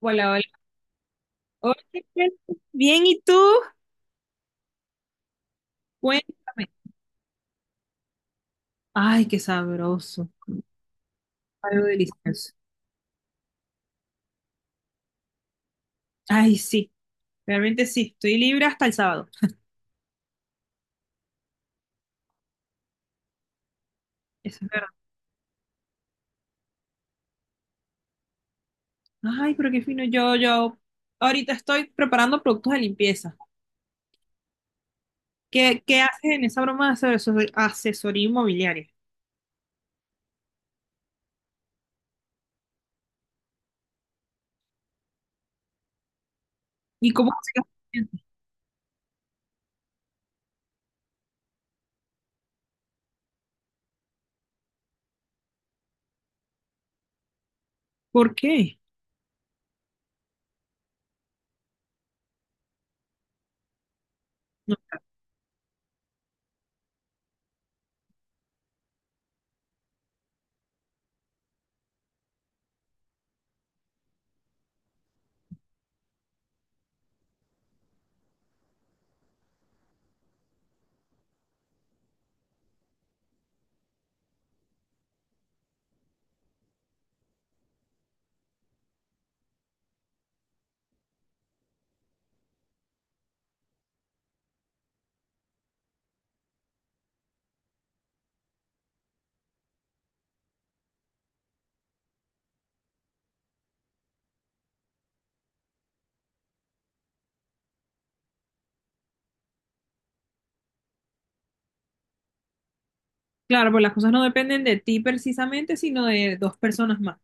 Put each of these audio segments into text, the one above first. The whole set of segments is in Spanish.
Hola, hola. Hola, Crespo. Bien, ¿y tú? Cuéntame. Ay, qué sabroso. Algo delicioso. Ay, sí, realmente sí. Estoy libre hasta el sábado. Eso es verdad. Ay, pero qué fino. Yo ahorita estoy preparando productos de limpieza. ¿Qué haces en esa broma de asesoría inmobiliaria? ¿Y cómo consigues clientes? ¿Por qué? No. Claro, pues las cosas no dependen de ti precisamente, sino de dos personas más.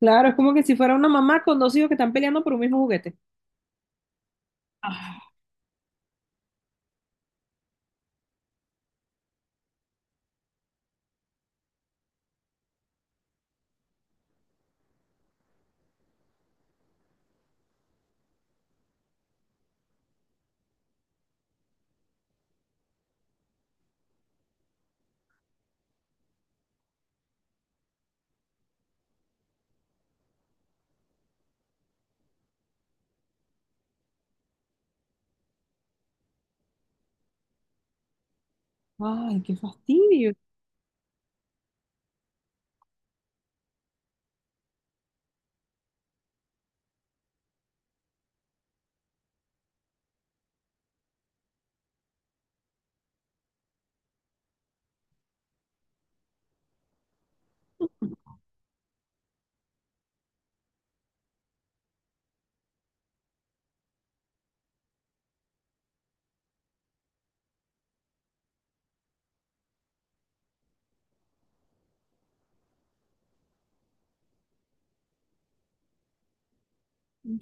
Claro, es como que si fuera una mamá con dos hijos que están peleando por un mismo juguete. Ay, qué fastidio.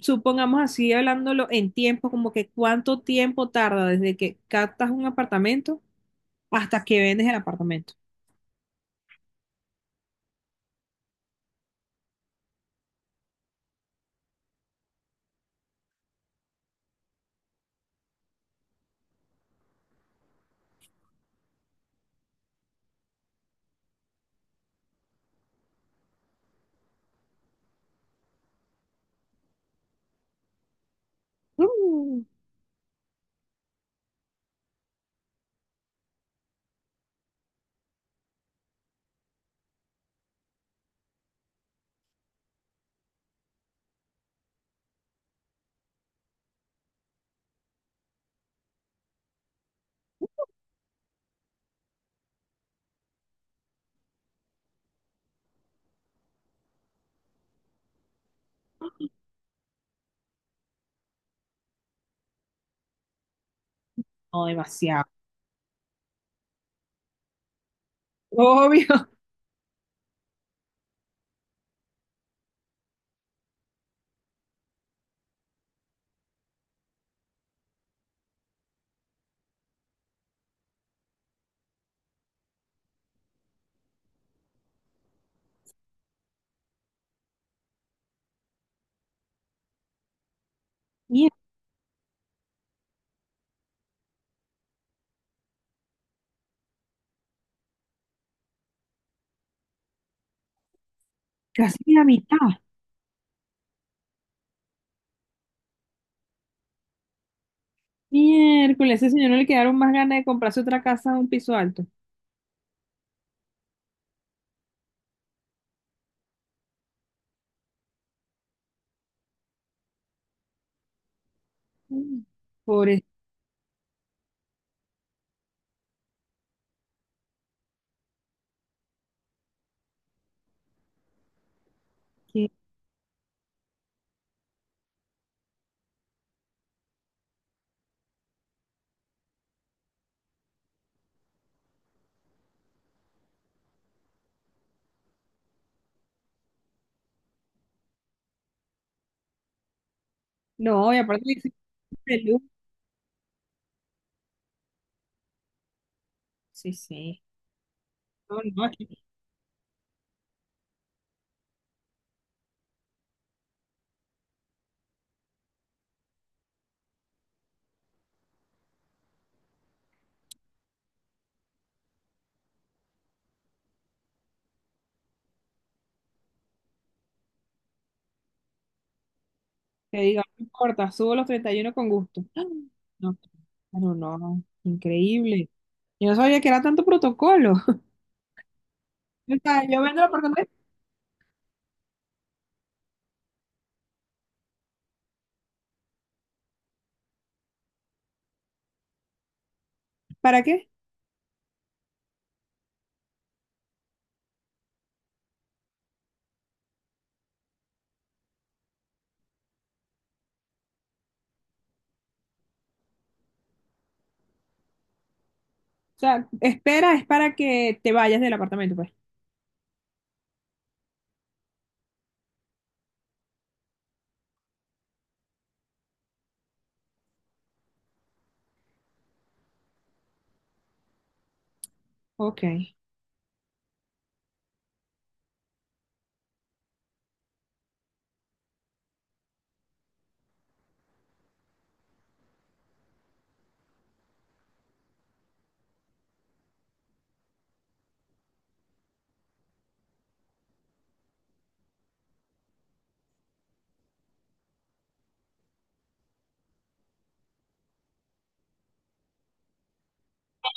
Supongamos así, hablándolo en tiempo, como que cuánto tiempo tarda desde que captas un apartamento hasta que vendes el apartamento. Mm, no, demasiado. Obvio. Mier- casi la mitad. Miércoles, a ese señor no le quedaron más ganas de comprarse otra casa a un piso alto. Mm, por eso. que- No, y aparte dice, de luz. Sí, sí. No, no. Que diga, no importa, subo los 31 con gusto. ¡Ah! No, pero no, increíble. Yo no sabía que era tanto protocolo. O sea, yo vendo el apartamento, ¿para qué? O sea, espera es para que te vayas del apartamento, pues. Ok.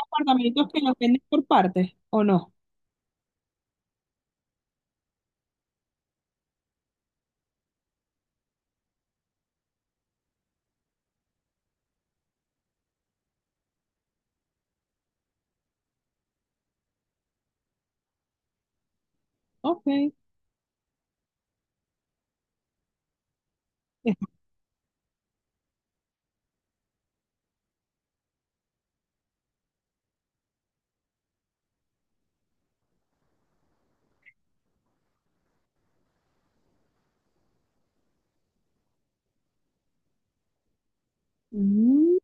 ¿Apartamentos que los venden por partes o no? Ok. Mm.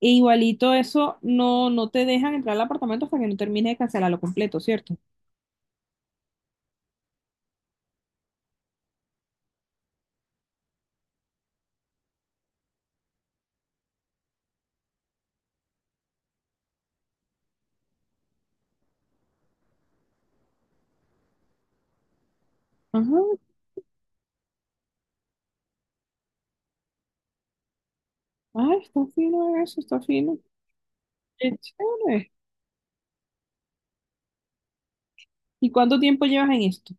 E igualito eso, no, no te dejan entrar al apartamento hasta que no termine de cancelarlo completo, ¿cierto? Ajá. Ah, está fino eso, está fino. Qué chévere. ¿Y cuánto tiempo llevas en esto?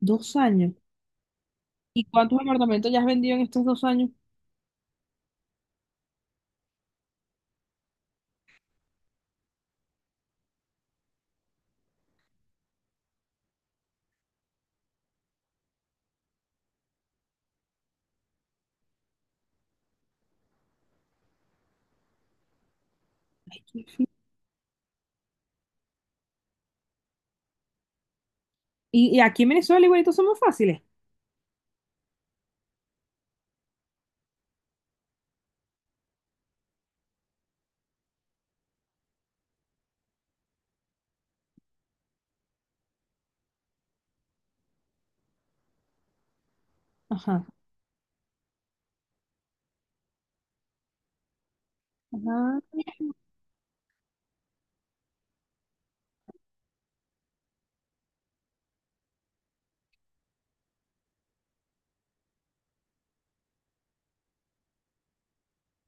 2 años. ¿Y cuántos apartamentos ya has vendido en estos 2 años? Y aquí en Venezuela igualitos somos fáciles. Ajá. Ajá.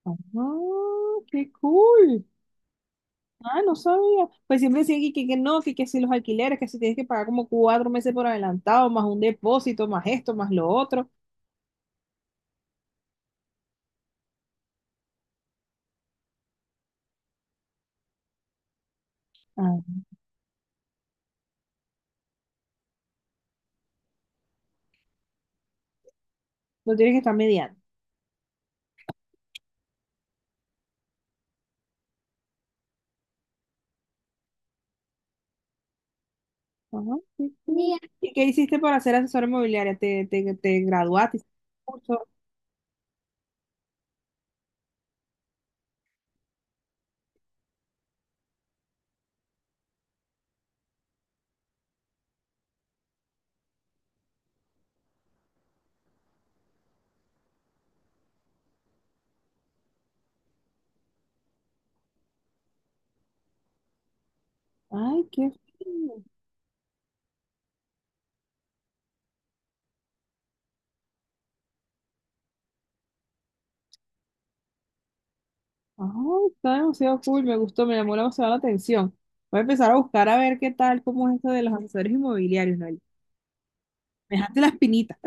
Ajá. Qué cool. Ah, no sabía. Pues siempre decían que no, que si los alquileres, que si tienes que pagar como 4 meses por adelantado, más un depósito, más esto, más lo otro. Ah, lo tienes que estar mediando. Ajá. Qué cool. ¿Y qué hiciste para ser asesora inmobiliaria? ¿Te graduaste? ¿Hiciste un curso? Ay, qué fino. Ah, está demasiado cool, me gustó, me llamó demasiado la atención. Voy a empezar a buscar a ver qué tal, cómo es esto de los asesores inmobiliarios, Noel. Me dejaste la espinita.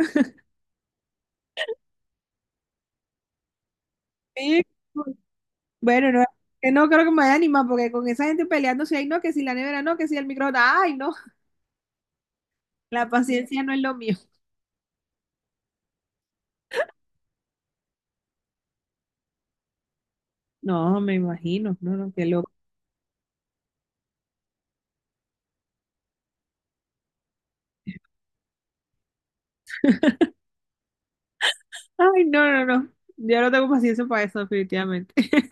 Sí, bueno, no, que no creo que me vaya a animar, porque con esa gente peleando, si hay no, que si la nevera no, que si el microondas, ay, no, la paciencia no es lo mío. No, me imagino, no, no, qué loco. Ay, no, no, no, yo no tengo paciencia para eso, definitivamente.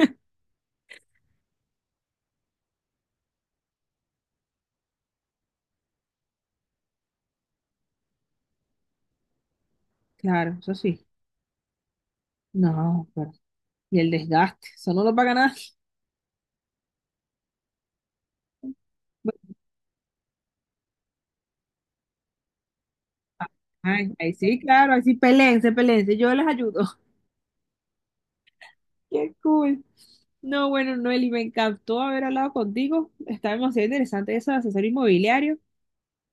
Claro, eso sí. No, pero, y el desgaste, eso no lo paga nada. Ay, ahí sí, claro, ahí sí, peleense, peleense, yo les ayudo. Qué cool. No, bueno, Noeli, me encantó haber hablado contigo. Está demasiado interesante eso de asesor inmobiliario.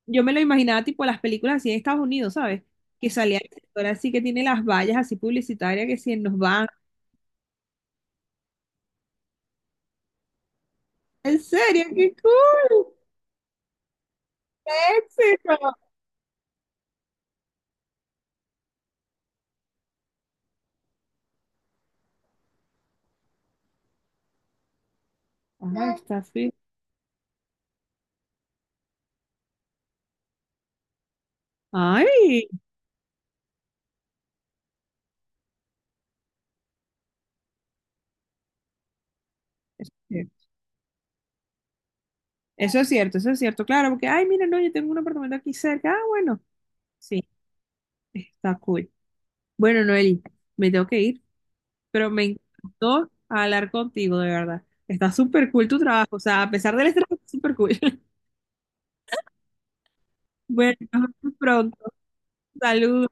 Yo me lo imaginaba tipo las películas así en Estados Unidos, ¿sabes? Que salía el sector así que tiene las vallas así publicitarias que si nos van. ¿En serio? ¡Qué cool! ¡Qué éxito! Ah, está así. ¡Ay! Eso es cierto, claro, porque, ay, mira, no, yo tengo un apartamento aquí cerca. Ah, bueno, sí, está cool. Bueno, Noeli, me tengo que ir, pero me encantó hablar contigo, de verdad. Está súper cool tu trabajo, o sea, a pesar del estrés, está súper cool. Bueno, nos vemos pronto. Saludos.